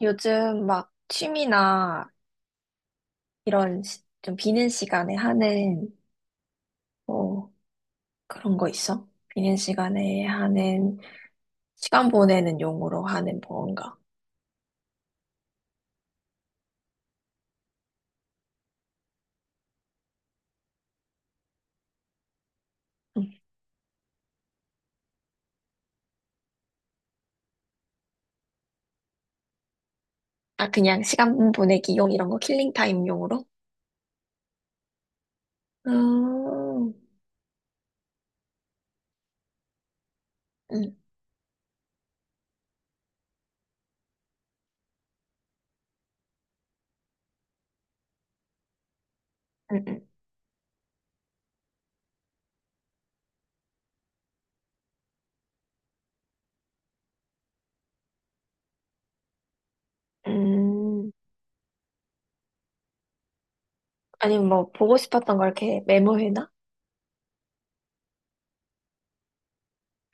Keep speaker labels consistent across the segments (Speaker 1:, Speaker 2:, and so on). Speaker 1: 요즘 막 취미나 이런 좀 비는 시간에 하는 뭐 그런 거 있어? 비는 시간에 하는 시간 보내는 용으로 하는 뭐 뭔가. 응. 아, 그냥 시간 보내기 용 이런 거 킬링 타임 용으로? 음, 음, 음, 음. 음. 아니면 뭐 보고 싶었던 걸 이렇게 메모해놔?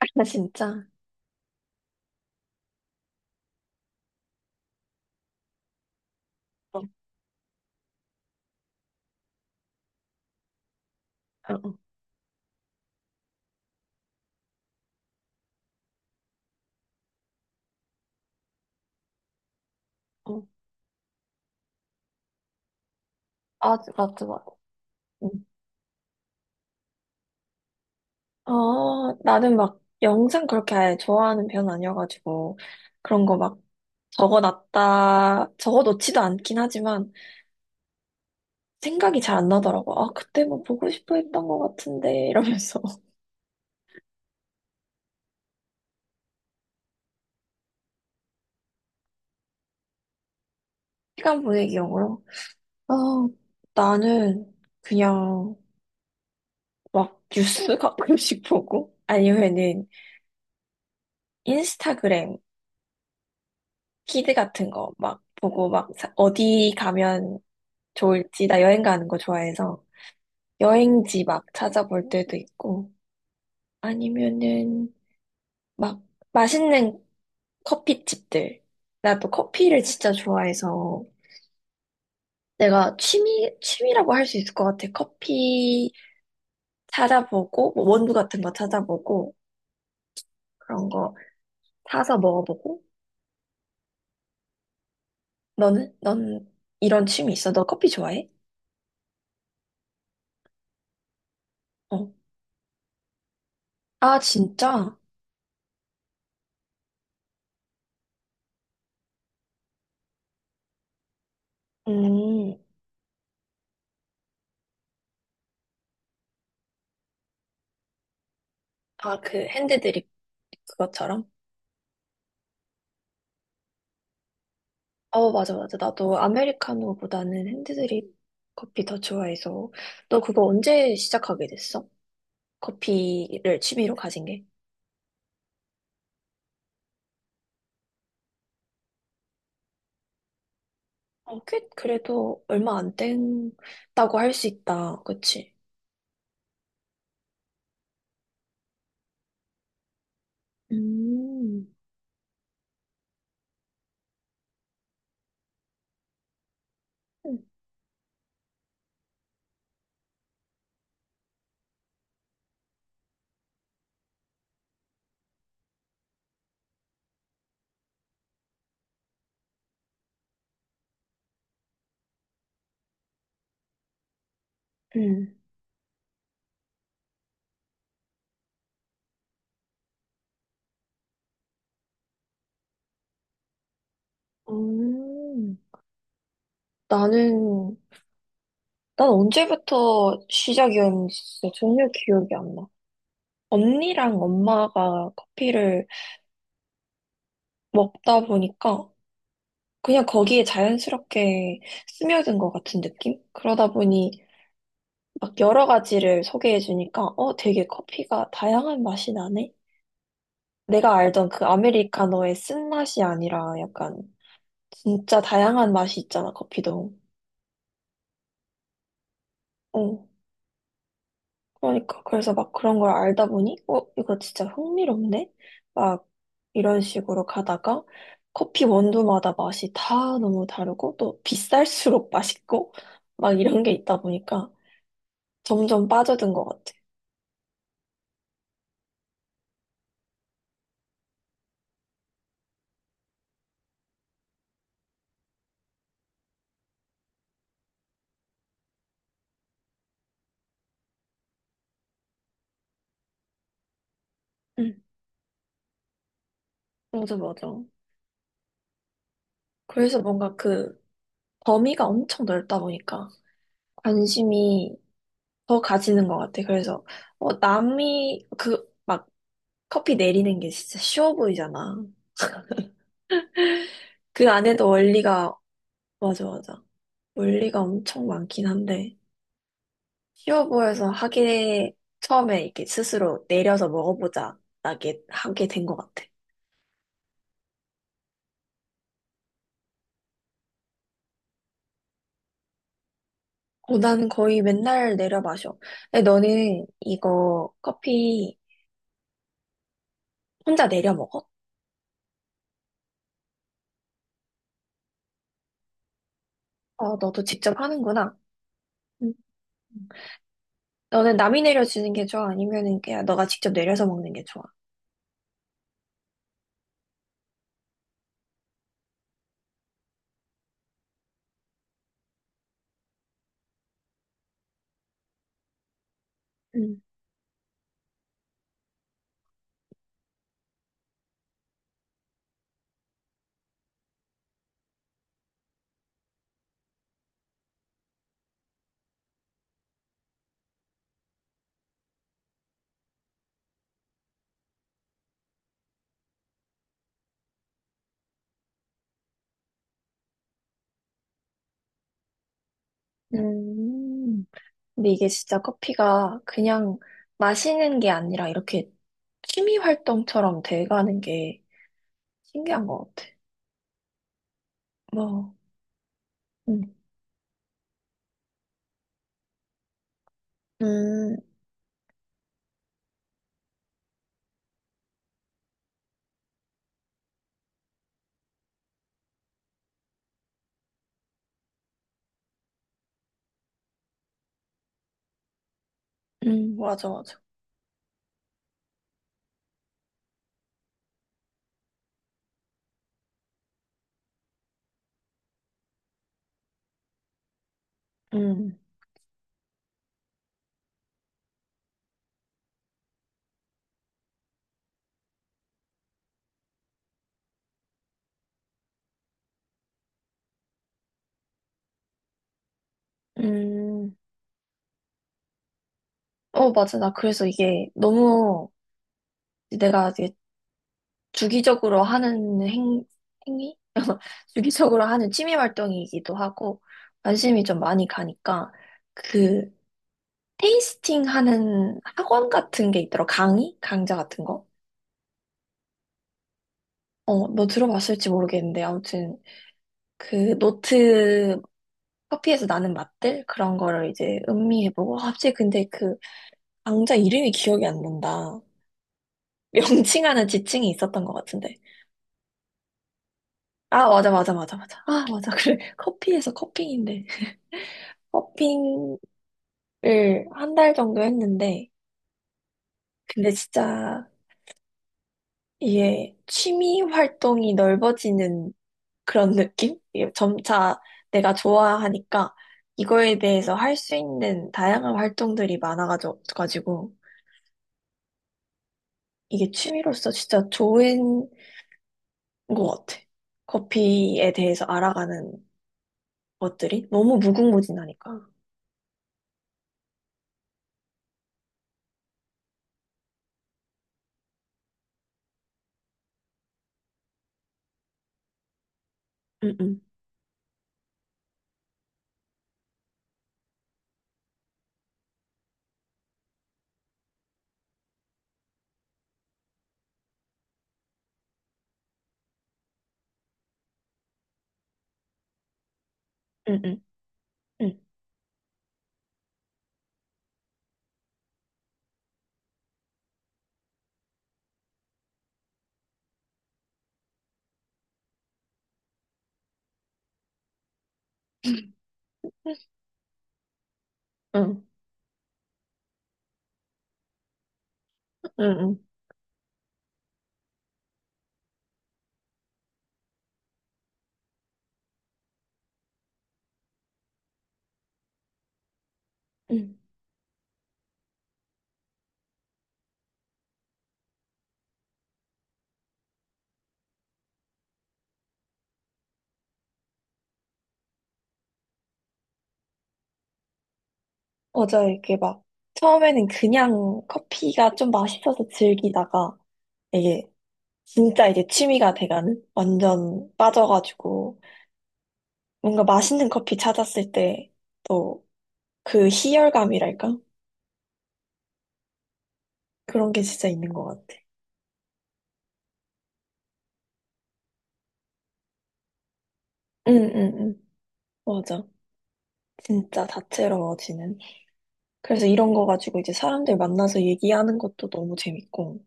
Speaker 1: 아, 진짜? 어, 어, 어. 어. 아, 맞지, 맞지. 어, 나는 막 영상 그렇게 아예 좋아하는 편은 아니어가지고 그런 거 막 적어놓지도 않긴 하지만 생각이 잘 안 나더라고. 아, 그때 뭐 보고 싶어 했던 것 같은데 이러면서 시간 보내기용으로. 아, 나는 그냥 막 뉴스 가끔씩 보고 아니면은 인스타그램 키드 같은 거 막 보고 막 어디 가면 좋을지, 나 여행 가는 거 좋아해서 여행지 막 찾아볼 때도 있고, 아니면은 막 맛있는 커피집들. 나도 커피를 진짜 좋아해서 내가 취미, 취미라고 할 수 있을 것 같아. 커피 찾아보고, 뭐 원두 같은 거 찾아보고, 그런 거 사서 먹어보고. 너는? 넌 이런 취미 있어? 너 커피 좋아해? 어. 아, 진짜? 음. 아, 그 핸드드립 그것처럼? 어, 맞아, 맞아. 나도 아메리카노보다는 핸드드립 커피 더 좋아해서. 너 그거 언제 시작하게 됐어? 커피를 취미로 가진 게? 어, 꽤, 그래도 얼마 안 됐다고 할 수 있다. 그치? 음, 음, 음. 나는, 난 언제부터 시작이었는지 진짜 전혀 기억이 안 나. 언니랑 엄마가 커피를 먹다 보니까 그냥 거기에 자연스럽게 스며든 것 같은 느낌? 그러다 보니 막 여러 가지를 소개해 주니까 어, 되게 커피가 다양한 맛이 나네? 내가 알던 그 아메리카노의 쓴맛이 아니라 약간 진짜 다양한 맛이 있잖아, 커피도. 어, 그러니까. 그래서 막 그런 걸 알다 보니 어, 이거 진짜 흥미롭네? 막 이런 식으로 가다가 커피 원두마다 맛이 다 너무 다르고 또 비쌀수록 맛있고 막 이런 게 있다 보니까 점점 빠져든 것 같아. 응, 맞아, 맞아. 그래서 뭔가 그 범위가 엄청 넓다 보니까 관심이 더 가지는 것 같아. 그래서 어, 남이 그 막 커피 내리는 게 진짜 쉬워 보이잖아. 그 안에도 원리가 맞아, 맞아. 원리가 엄청 많긴 한데 쉬워 보여서 하게 처음에 이렇게 스스로 내려서 먹어보자 하게 된 것 같아. 어, 나는 거의 맨날 내려 마셔. 근데 너는 이거 커피 혼자 내려 먹어? 어, 너도 직접 하는구나. 음. 너는 남이 내려주는 게 좋아? 아니면은 그냥 너가 직접 내려서 먹는 게 좋아? 음. 음. 근데 이게 진짜 커피가 그냥 마시는 게 아니라 이렇게 취미 활동처럼 돼가는 게 신기한 것 같아. 뭐, 음, 음, 맞아, 맞아. 음, 음. 어, 맞아. 나 그래서 이게 너무 내가 이제 주기적으로 하는 행위? 주기적으로 하는 취미 활동이기도 하고, 관심이 좀 많이 가니까, 그, 테이스팅 하는 학원 같은 게 있더라. 강의? 강좌 같은 거? 어, 너 들어봤을지 모르겠는데, 아무튼, 그, 노트, 커피에서 나는 맛들? 그런 거를 이제 음미해보고, 아, 갑자기 근데 그, 강좌 이름이 기억이 안 난다. 명칭 하는 지칭이 있었던 것 같은데. 아, 맞아, 맞아, 맞아, 맞아. 아, 맞아. 그래. 커피에서 커핑인데. 커핑을 한 달 정도 했는데, 근데 진짜 이게 취미 활동이 넓어지는 그런 느낌? 이게 점차 내가 좋아하니까 이거에 대해서 할 수 있는 다양한 활동들이 많아가지고, 이게 취미로서 진짜 좋은 것 같아. 커피에 대해서 알아가는 것들이 너무 무궁무진하니까. 응, 응, 응, 응, 응, 응, 응. 응. 음, 맞아요. 이게 막, 처음에는 그냥 커피가 좀 맛있어서 즐기다가, 이게 진짜 이제 취미가 돼가는? 완전 빠져가지고, 뭔가 맛있는 커피 찾았을 때, 또 그 희열감이랄까? 그런 게 진짜 있는 것 같아. 응, 응, 응. 맞아. 진짜 다채로워지는. 그래서 이런 거 가지고 이제 사람들 만나서 얘기하는 것도 너무 재밌고,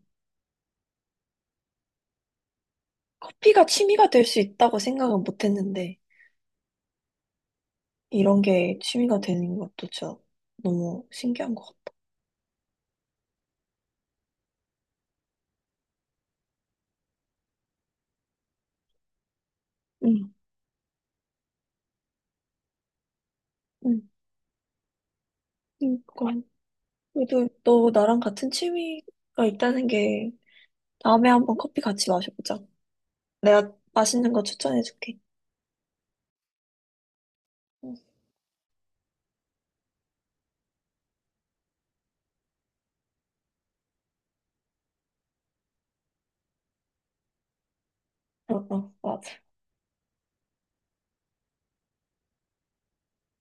Speaker 1: 커피가 취미가 될 수 있다고 생각은 못 했는데, 이런 게 취미가 되는 것도 진짜 너무 신기한 것 같아. 응, 응. 그러니까 그래도 너 나랑 같은 취미가 있다는 게, 다음에 한번 커피 같이 마셔보자. 내가 맛있는 거 추천해줄게. 응, 어, 어, 맞아.